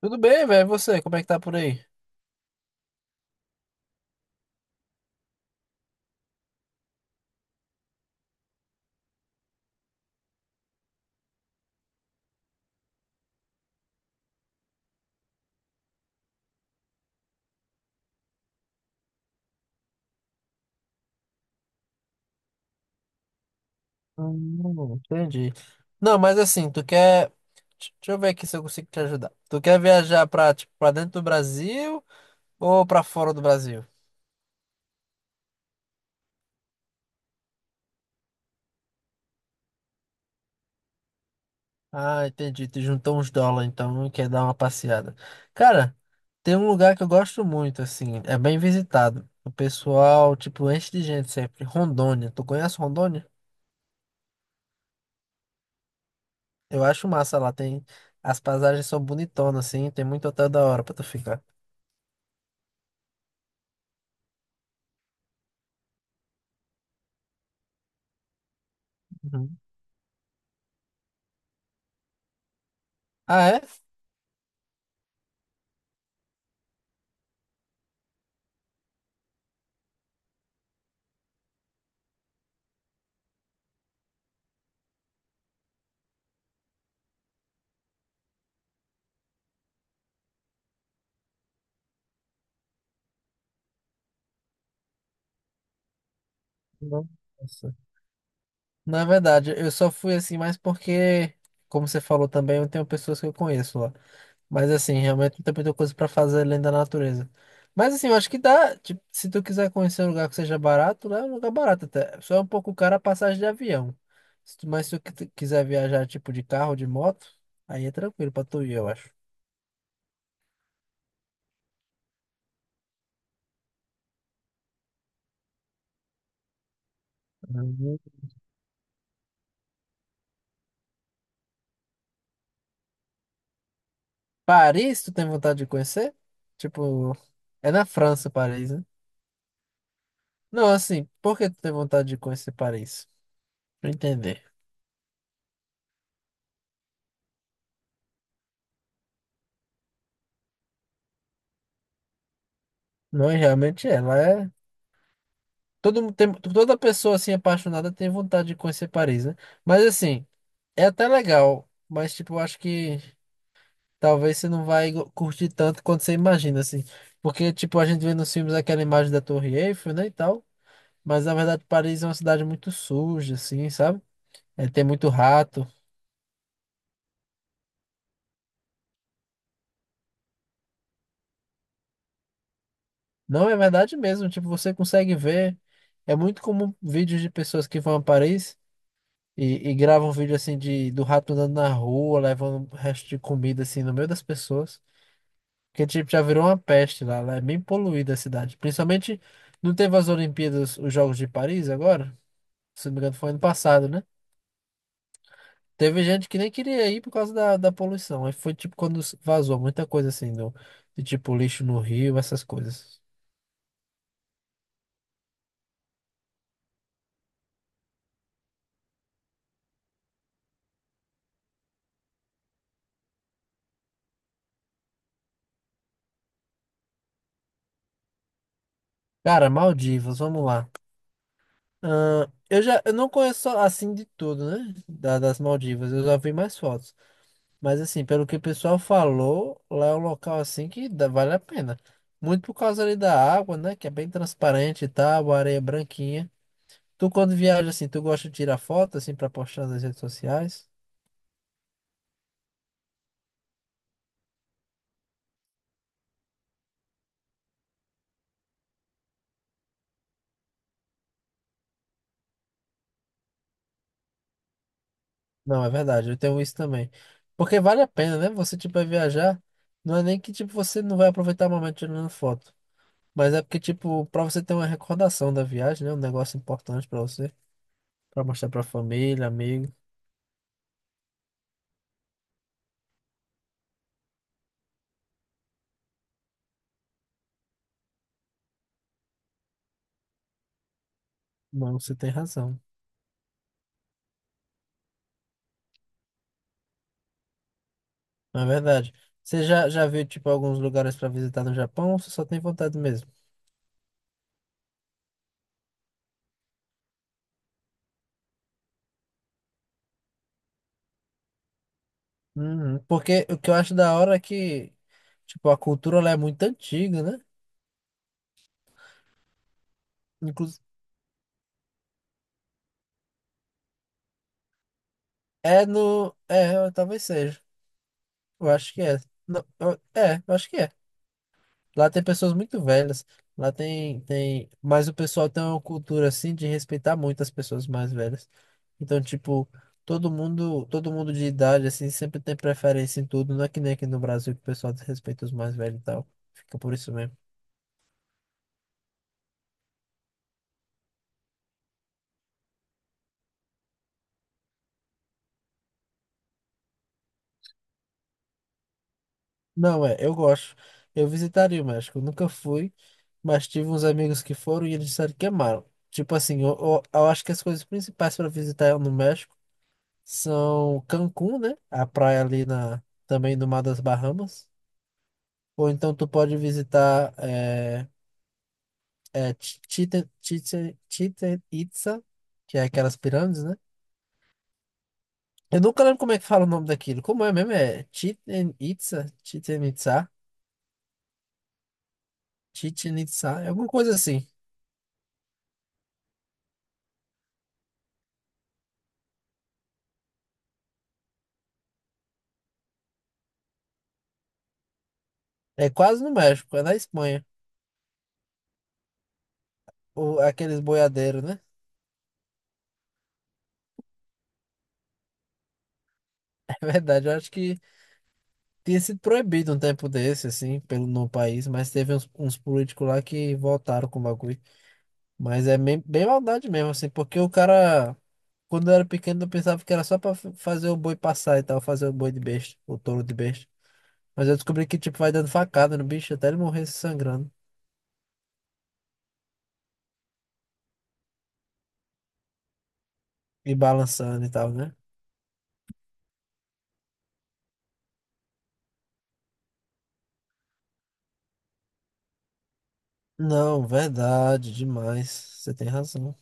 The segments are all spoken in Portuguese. Tudo bem, velho? E você, como é que tá por aí? Entendi. Não, mas assim, tu quer. Deixa eu ver aqui se eu consigo te ajudar. Tu quer viajar tipo, pra dentro do Brasil ou pra fora do Brasil? Ah, entendi. Tu juntou uns dólares, então e quer dar uma passeada. Cara, tem um lugar que eu gosto muito, assim, é bem visitado. O pessoal, tipo, enche de gente sempre. Rondônia. Tu conhece Rondônia? Eu acho massa lá, tem. As paisagens são bonitonas, assim, tem muito hotel da hora pra tu ficar. Uhum. Ah, é? Nossa. Na verdade, eu só fui assim, mais porque, como você falou também, eu tenho pessoas que eu conheço lá. Mas assim, realmente não tem muita coisa pra fazer além da natureza. Mas assim, eu acho que dá. Tipo, se tu quiser conhecer um lugar que seja barato, lá é um lugar barato até. Só é um pouco caro a passagem de avião. Se tu, mas se tu quiser viajar tipo de carro, de moto, aí é tranquilo pra tu ir, eu acho. Uhum. Paris, tu tem vontade de conhecer? Tipo, é na França, Paris, né? Não, assim, por que tu tem vontade de conhecer Paris? Pra entender. Não, é, realmente ela é. Todo mundo tem, toda pessoa assim apaixonada tem vontade de conhecer Paris, né? Mas assim, é até legal. Mas, tipo, eu acho que talvez você não vai curtir tanto quanto você imagina, assim. Porque, tipo, a gente vê nos filmes aquela imagem da Torre Eiffel, né, e tal. Mas na verdade, Paris é uma cidade muito suja, assim, sabe? É, tem muito rato. Não, é verdade mesmo. Tipo, você consegue ver. É muito comum vídeos de pessoas que vão a Paris. E grava um vídeo assim de do rato andando na rua, levando um resto de comida assim no meio das pessoas. Porque tipo, já virou uma peste lá, lá é bem poluída a cidade. Principalmente não teve as Olimpíadas, os Jogos de Paris agora? Se não me engano, foi ano passado, né? Teve gente que nem queria ir por causa da poluição. Aí foi tipo quando vazou muita coisa assim, de tipo lixo no rio, essas coisas. Cara, Maldivas, vamos lá. Eu não conheço assim de tudo, né? Das Maldivas, eu já vi mais fotos. Mas assim, pelo que o pessoal falou, lá é um local assim que vale a pena. Muito por causa ali da água, né? Que é bem transparente e tal, a areia é branquinha. Tu quando viaja assim, tu gosta de tirar foto assim pra postar nas redes sociais? Não, é verdade, eu tenho isso também. Porque vale a pena, né? Você tipo vai viajar, não é nem que tipo você não vai aproveitar o momento tirando foto, mas é porque tipo pra você ter uma recordação da viagem, né? Um negócio importante pra você, pra mostrar pra família, amigo. Não, você tem razão. Na verdade. Você já viu, tipo, alguns lugares para visitar no Japão ou você só tem vontade mesmo? Uhum. Porque o que eu acho da hora é que, tipo, a cultura lá é muito antiga, né? Inclusive, é no... é, talvez seja. Eu acho que é. Não, é, eu acho que é. Lá tem pessoas muito velhas. Lá tem, tem. Mas o pessoal tem uma cultura assim de respeitar muito as pessoas mais velhas. Então, tipo, todo mundo de idade, assim, sempre tem preferência em tudo. Não é que nem aqui no Brasil que o pessoal desrespeita os mais velhos e tal. Fica por isso mesmo. Não, é, eu gosto. Eu visitaria o México. Eu nunca fui, mas tive uns amigos que foram e eles disseram que amaram. Tipo assim, eu acho que as coisas principais para visitar é no México. São Cancún, né? A praia ali também no Mar das Bahamas. Ou então tu pode visitar Chichen Itza, que é aquelas pirâmides, né? Eu nunca lembro como é que fala o nome daquilo. Como é mesmo? É Chichen Itza? Chichen Itza? Chichen Itza? É alguma coisa assim. É quase no México, é na Espanha. Ou aqueles boiadeiros, né? É verdade, eu acho que tinha sido proibido um tempo desse, assim, no país, mas teve uns políticos lá que voltaram com o bagulho. Mas é bem, bem maldade mesmo, assim, porque o cara, quando eu era pequeno, eu pensava que era só pra fazer o boi passar e tal, fazer o boi de besta, o touro de besta. Mas eu descobri que, tipo, vai dando facada no bicho até ele morrer se sangrando e balançando e tal, né? Não, verdade, demais. Você tem razão.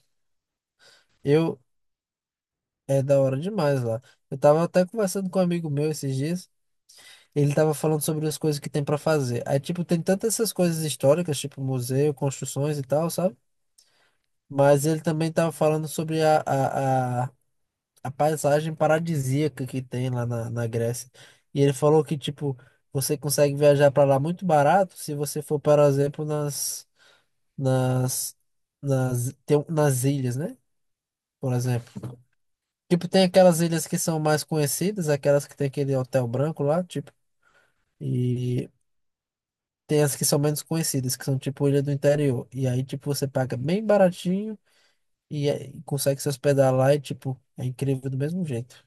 Eu, é da hora demais lá. Eu tava até conversando com um amigo meu esses dias, ele tava falando sobre as coisas que tem pra fazer. Aí, tipo, tem tantas essas coisas históricas, tipo museu, construções e tal, sabe? Mas ele também estava falando sobre a paisagem paradisíaca que tem lá na Grécia. E ele falou que, tipo, você consegue viajar para lá muito barato se você for, por exemplo, nas, nas ilhas, né? Por exemplo. Tipo, tem aquelas ilhas que são mais conhecidas, aquelas que tem aquele hotel branco lá, tipo, e tem as que são menos conhecidas, que são tipo ilha do interior. E aí, tipo, você paga bem baratinho e, e consegue se hospedar lá e, tipo, é incrível do mesmo jeito.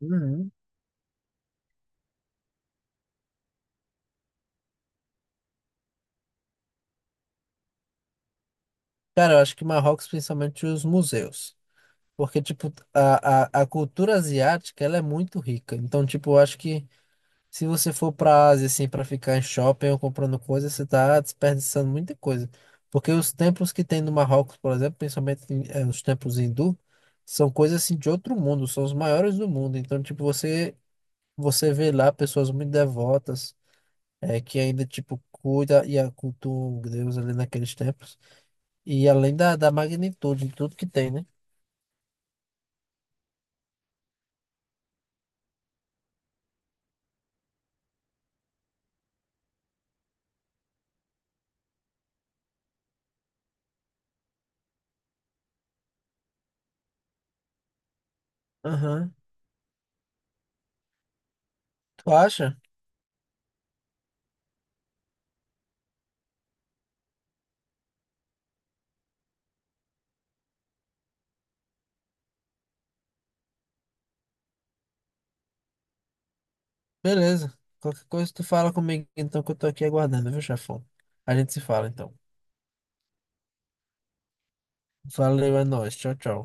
Uhum. Cara, eu acho que Marrocos, principalmente os museus. Porque, tipo, a cultura asiática, ela é muito rica. Então, tipo, eu acho que se você for pra Ásia, assim, pra ficar em shopping ou comprando coisas, você tá desperdiçando muita coisa. Porque os templos que tem no Marrocos, por exemplo, principalmente os templos hindu, são coisas, assim, de outro mundo. São os maiores do mundo. Então, tipo, você vê lá pessoas muito devotas. É, que ainda, tipo, cuida e cultua o Deus ali naqueles tempos. E além da magnitude de tudo que tem, né? Aham. Tu acha? Beleza. Qualquer coisa tu fala comigo, então, que eu tô aqui aguardando, viu, chefão? A gente se fala, então. Valeu, é nóis. Tchau, tchau.